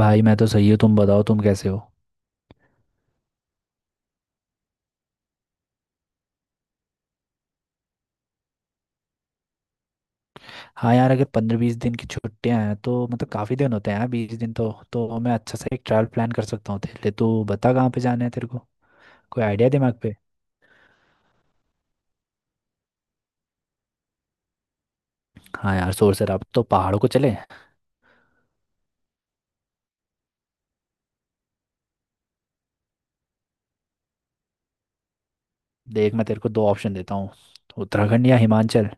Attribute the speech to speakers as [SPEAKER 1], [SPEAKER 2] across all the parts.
[SPEAKER 1] भाई मैं तो सही हूँ। तुम बताओ, तुम कैसे हो। हाँ यार, अगर 15-20 दिन की छुट्टियां हैं तो मतलब काफ़ी दिन होते हैं यार। 20 दिन तो मैं अच्छा सा एक ट्रैवल प्लान कर सकता हूँ तेरे लिए। तो बता कहाँ पे जाना है तेरे को, कोई आइडिया दिमाग पे। हाँ यार, शोर शराब तो पहाड़ों को चले। देख, मैं तेरे को दो ऑप्शन देता हूँ, उत्तराखंड या हिमाचल।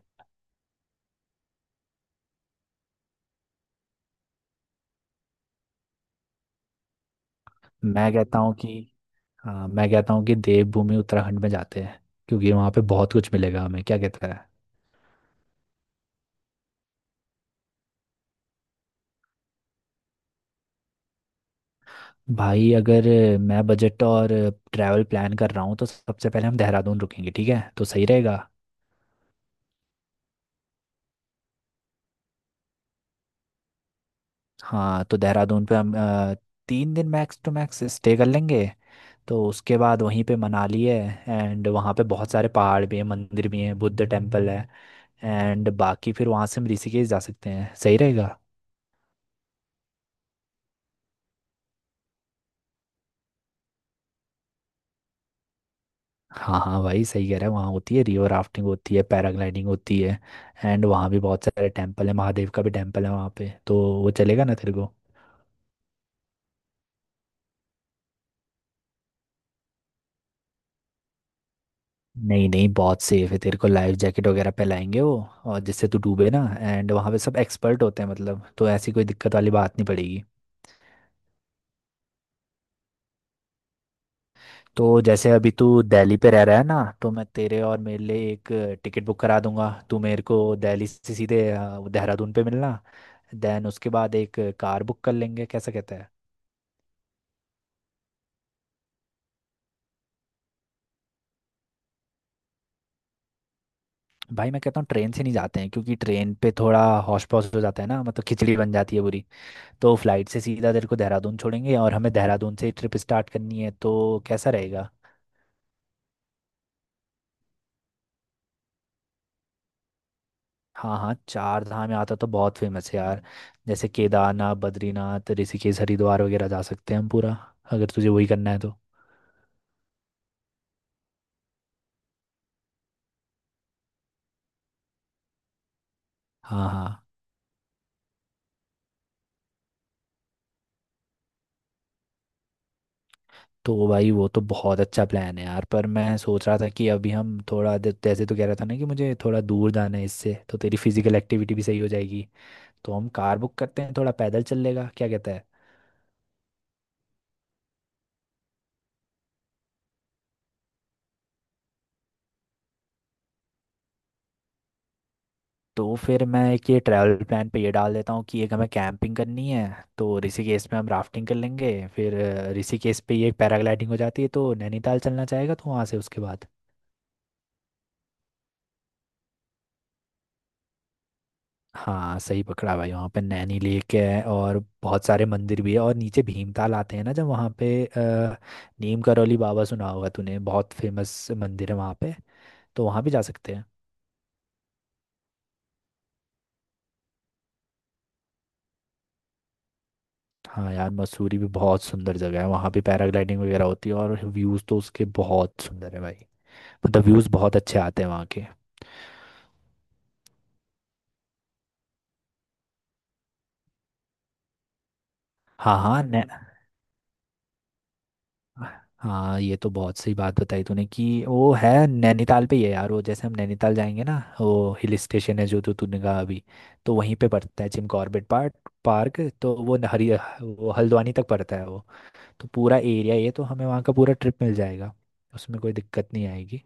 [SPEAKER 1] मैं कहता हूँ कि, हाँ मैं कहता हूँ कि देवभूमि उत्तराखंड में जाते हैं, क्योंकि वहाँ पे बहुत कुछ मिलेगा हमें, क्या कहता है। भाई अगर मैं बजट और ट्रैवल प्लान कर रहा हूँ तो सबसे पहले हम देहरादून रुकेंगे, ठीक है, तो सही रहेगा। हाँ तो देहरादून पे हम 3 दिन मैक्स टू मैक्स स्टे कर लेंगे। तो उसके बाद वहीं पे मनाली है। एंड वहाँ पे बहुत सारे पहाड़ भी हैं, मंदिर भी हैं, बुद्ध टेम्पल है। एंड बाकी फिर वहाँ से हम ऋषिकेश जा सकते हैं, सही रहेगा। हाँ हाँ भाई, सही कह रहा है, वहाँ होती है रिवर राफ्टिंग होती है पैराग्लाइडिंग होती है। एंड वहाँ भी बहुत सारे टेम्पल है, महादेव का भी टेम्पल है वहाँ पे, तो वो चलेगा ना तेरे को। नहीं नहीं, बहुत सेफ है, तेरे को लाइफ जैकेट वगैरह पहनाएंगे वो, और जिससे तू डूबे ना। एंड वहाँ पे सब एक्सपर्ट होते हैं मतलब, तो ऐसी कोई दिक्कत वाली बात नहीं पड़ेगी। तो जैसे अभी तू दिल्ली पे रह रहा है ना, तो मैं तेरे और मेरे लिए एक टिकट बुक करा दूंगा। तू मेरे को दिल्ली से सीधे देहरादून पे मिलना। देन उसके बाद एक कार बुक कर लेंगे, कैसा कहता है। भाई मैं कहता हूँ ट्रेन से नहीं जाते हैं, क्योंकि ट्रेन पे थोड़ा हौश पौश हो जाता है ना, मतलब खिचड़ी बन जाती है पूरी। तो फ्लाइट से सीधा तेरे को देहरादून छोड़ेंगे, और हमें देहरादून से ट्रिप स्टार्ट करनी है, तो कैसा रहेगा। हाँ हाँ, चार धाम यात्रा तो बहुत फेमस है यार। जैसे केदारनाथ, बद्रीनाथ, ऋषिकेश, हरिद्वार वगैरह जा सकते हैं हम पूरा, अगर तुझे वही करना है तो। हाँ हाँ। तो भाई वो तो बहुत अच्छा प्लान है यार, पर मैं सोच रहा था कि अभी हम थोड़ा जैसे तो कह रहा था ना कि मुझे थोड़ा दूर जाना है, इससे तो तेरी फिजिकल एक्टिविटी भी सही हो जाएगी। तो हम कार बुक करते हैं, थोड़ा पैदल चल लेगा, क्या कहता है। तो फिर मैं एक ये ट्रैवल प्लान पे ये डाल देता हूँ कि एक हमें कैंपिंग करनी है। तो ऋषिकेश में हम राफ्टिंग कर लेंगे, फिर ऋषिकेश पे ये पैराग्लाइडिंग हो जाती है, तो नैनीताल चलना चाहेगा तो वहाँ से उसके बाद। हाँ सही पकड़ा भाई, वहाँ पे नैनी लेक है, और बहुत सारे मंदिर भी है। और नीचे भीमताल आते हैं ना, जब वहाँ पे नीम करौली बाबा सुना होगा तूने, बहुत फेमस मंदिर है वहाँ पे, तो वहाँ भी जा सकते हैं। हाँ यार मसूरी भी बहुत सुंदर जगह है, वहाँ भी पैराग्लाइडिंग वगैरह होती है, और व्यूज़ तो उसके बहुत सुंदर है भाई, मतलब व्यूज बहुत अच्छे आते हैं वहाँ के। हाँ हाँ हाँ, ये तो बहुत सही बात बताई तूने, कि वो है नैनीताल पे ही है यार। वो जैसे हम नैनीताल जाएंगे ना, वो हिल स्टेशन है जो तो तूने कहा अभी, तो वहीं पे पड़ता है जिम कॉर्बेट पार्क। पार्क तो वो न- हरी वो हल्द्वानी तक पड़ता है वो, तो पूरा एरिया, ये तो हमें वहाँ का पूरा ट्रिप मिल जाएगा, उसमें कोई दिक्कत नहीं आएगी।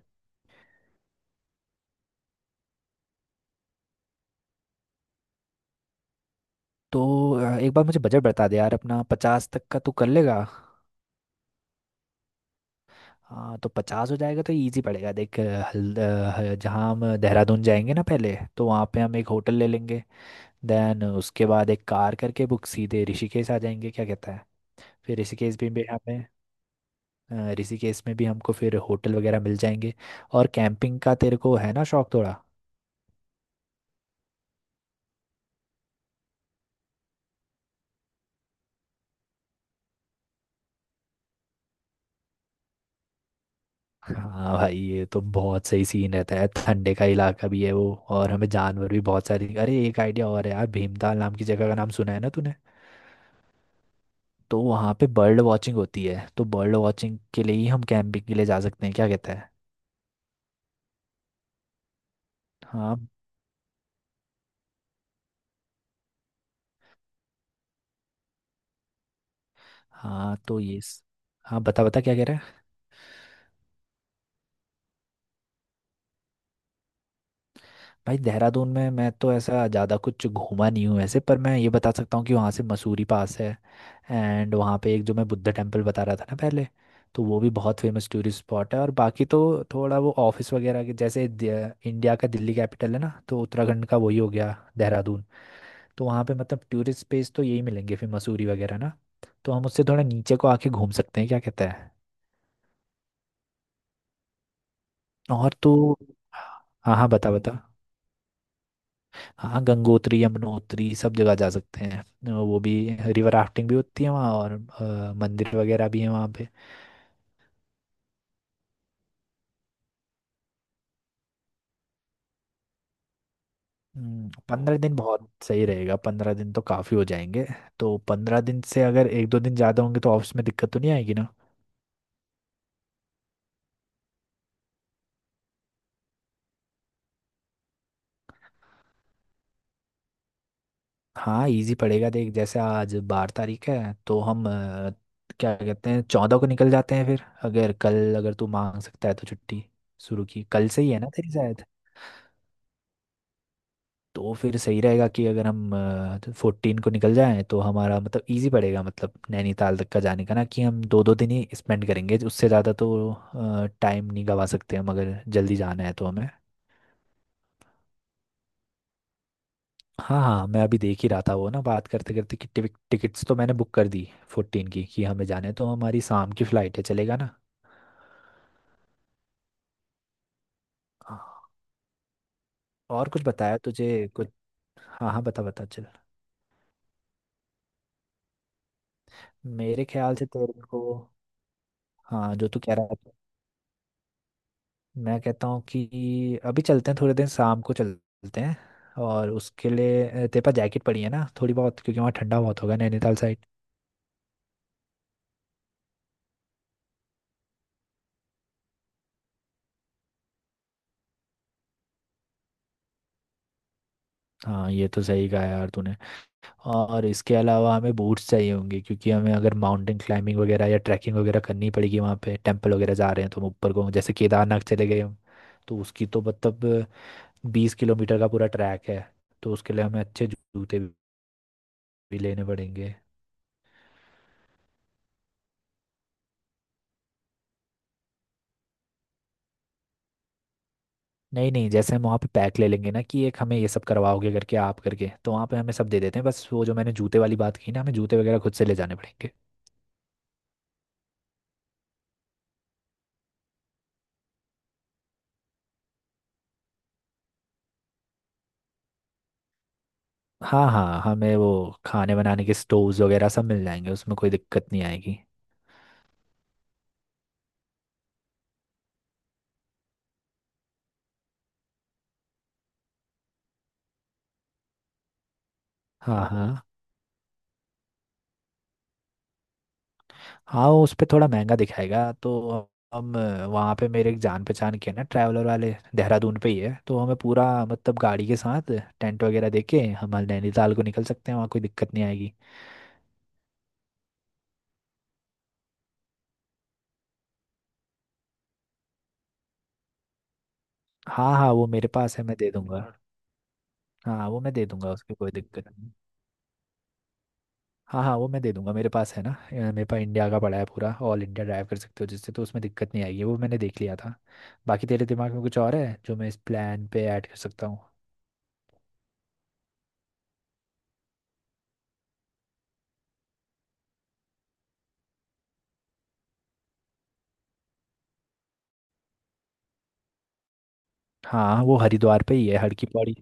[SPEAKER 1] तो एक बार मुझे बजट बता दे यार अपना, 50 तक का तू कर लेगा। हाँ तो 50 हो जाएगा तो इजी पड़ेगा। देख, जहाँ हम देहरादून जाएंगे ना पहले, तो वहाँ पे हम एक होटल ले लेंगे। देन उसके बाद एक कार करके बुक, सीधे ऋषिकेश आ जाएंगे, क्या कहता है। फिर ऋषिकेश भी हमें ऋषिकेश में भी हमको फिर होटल वगैरह मिल जाएंगे। और कैंपिंग का तेरे को है ना शौक थोड़ा। हाँ भाई ये तो बहुत सही सीन रहता है, ठंडे का इलाका भी है वो, और हमें जानवर भी बहुत सारे। अरे एक आइडिया और है यार, भीमताल नाम की जगह का नाम सुना है ना, तो वहाँ पे बर्ड वॉचिंग होती है, तो बर्ड वॉचिंग के लिए ही हम कैंपिंग के लिए जा सकते हैं, क्या कहता है। हाँ हाँ हाँ, बता बता क्या कह रहा है। भाई देहरादून में मैं तो ऐसा ज़्यादा कुछ घूमा नहीं हूँ वैसे, पर मैं ये बता सकता हूँ कि वहाँ से मसूरी पास है। एंड वहाँ पे एक जो मैं बुद्ध टेम्पल बता रहा था ना पहले, तो वो भी बहुत फेमस टूरिस्ट स्पॉट है। और बाकी तो थोड़ा वो ऑफिस वगैरह के जैसे इंडिया का दिल्ली कैपिटल है ना, तो उत्तराखंड का वही हो गया देहरादून। तो वहाँ पे मतलब टूरिस्ट प्लेस तो यही मिलेंगे, फिर मसूरी वगैरह ना, तो हम उससे थोड़ा नीचे को आके घूम सकते हैं, क्या कहता है। और तो, हाँ हाँ बता बता। हाँ गंगोत्री यमुनोत्री सब जगह जा सकते हैं वो भी। रिवर राफ्टिंग भी होती है वहाँ, और मंदिर वगैरह भी है वहाँ पे। 15 दिन बहुत सही रहेगा, 15 दिन तो काफ़ी हो जाएंगे। तो 15 दिन से अगर एक दो दिन ज़्यादा होंगे तो ऑफिस में दिक्कत तो नहीं आएगी। हाँ इजी पड़ेगा। देख जैसे आज 12 तारीख है, तो हम क्या कहते हैं 14 को निकल जाते हैं। फिर अगर कल, अगर तू मांग सकता है तो छुट्टी, शुरू की कल से ही है ना तेरी शायद। तो फिर सही रहेगा कि अगर हम 14 को निकल जाएं, तो हमारा मतलब इजी पड़ेगा, मतलब नैनीताल तक का जाने का, ना कि हम दो दो दिन ही स्पेंड करेंगे, उससे ज़्यादा तो टाइम नहीं गवा सकते हम, अगर जल्दी जाना है तो हमें। हाँ हाँ मैं अभी देख ही रहा था वो ना, बात करते करते कि टिकट्स तो मैंने बुक कर दी 14 की, कि हमें जाने, तो हमारी शाम की फ्लाइट है, चलेगा ना। हाँ, और कुछ बताया तुझे, कुछ। हाँ हाँ बता बता चल। मेरे ख्याल से तेरे को, हाँ जो तू कह रहा था, मैं कहता हूँ कि अभी चलते हैं, थोड़े दिन शाम को चलते हैं। और उसके लिए तेरे पास जैकेट पड़ी है ना थोड़ी बहुत, क्योंकि वहाँ ठंडा बहुत होगा नैनीताल साइड। हाँ ये तो सही कहा यार तूने। और इसके अलावा हमें बूट्स चाहिए होंगे, क्योंकि हमें अगर माउंटेन क्लाइंबिंग वगैरह या ट्रैकिंग वगैरह करनी पड़ेगी, वहाँ पे टेंपल वगैरह जा रहे हैं तो हम ऊपर को, जैसे केदारनाथ चले गए हम, तो उसकी तो मतलब 20 किलोमीटर का पूरा ट्रैक है, तो उसके लिए हमें अच्छे जूते भी लेने पड़ेंगे। नहीं नहीं, जैसे हम वहाँ पे पैक ले लेंगे ना, कि एक हमें ये सब करवाओगे, करके आप करके, तो वहाँ पे हमें सब दे देते हैं। बस वो जो मैंने जूते वाली बात की ना, हमें जूते वगैरह खुद से ले जाने पड़ेंगे। हाँ हाँ, हमें वो खाने बनाने के स्टोव्स वगैरह सब मिल जाएंगे, उसमें कोई दिक्कत नहीं आएगी। हाँ हाँ। हाँ उस पे थोड़ा महंगा दिखाएगा, तो हम वहाँ पे, मेरे एक जान पहचान के हैं ना ट्रैवलर वाले, देहरादून पे ही है, तो हमें पूरा मतलब गाड़ी के साथ टेंट वगैरह दे के हम नैनीताल को निकल सकते हैं, वहाँ कोई दिक्कत नहीं आएगी। हाँ हाँ वो मेरे पास है, मैं दे दूंगा। और हाँ वो मैं दे दूंगा, उसकी कोई दिक्कत नहीं। हाँ हाँ वो मैं दे दूंगा, मेरे पास है ना। मेरे पास इंडिया का पड़ा है पूरा, ऑल इंडिया ड्राइव कर सकते हो जिससे, तो उसमें दिक्कत नहीं आएगी, वो मैंने देख लिया था। बाकी तेरे दिमाग में कुछ और है जो मैं इस प्लान पे ऐड कर सकता। हाँ वो हरिद्वार पे ही है हड़की पौड़ी।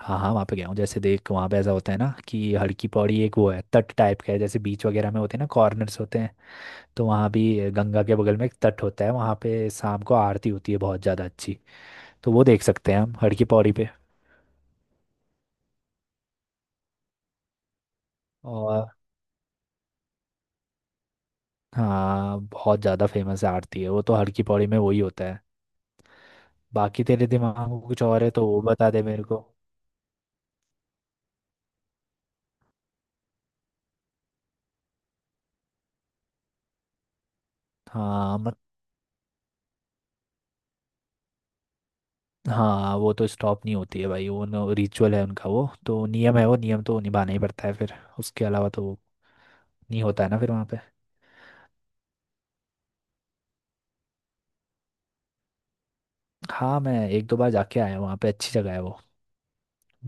[SPEAKER 1] हाँ हाँ वहाँ पे गया हूँ। जैसे देख वहाँ पे ऐसा होता है ना, कि हड़की पौड़ी एक वो है तट टाइप का है, जैसे बीच वगैरह में होते हैं ना कॉर्नर्स होते हैं, तो वहाँ भी गंगा के बगल में एक तट होता है। वहाँ पे शाम को आरती होती है बहुत ज़्यादा अच्छी, तो वो देख सकते हैं हम हड़की पौड़ी पे। और हाँ बहुत ज़्यादा फेमस आरती है वो तो, हड़की पौड़ी में वही होता है। बाकी तेरे दिमाग में कुछ और है तो वो बता दे मेरे को। हाँ हाँ, वो तो स्टॉप नहीं होती है भाई, वो रिचुअल है उनका, वो तो नियम है, वो नियम तो निभाना ही पड़ता है, फिर उसके अलावा तो नहीं होता है ना फिर वहाँ पे। हाँ मैं एक दो बार जाके आया हूँ वहाँ पे, अच्छी जगह है वो।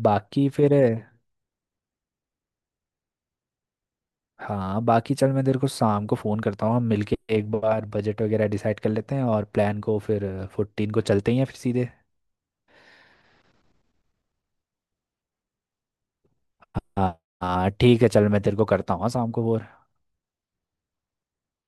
[SPEAKER 1] बाकी फिर, हाँ बाकी चल, मैं तेरे को शाम को फ़ोन करता हूँ, हम मिलके एक बार बजट वगैरह डिसाइड कर लेते हैं, और प्लान को फिर 14 को चलते ही हैं फिर सीधे। हाँ हाँ ठीक है, चल मैं तेरे को करता हूँ, हाँ, शाम को वो।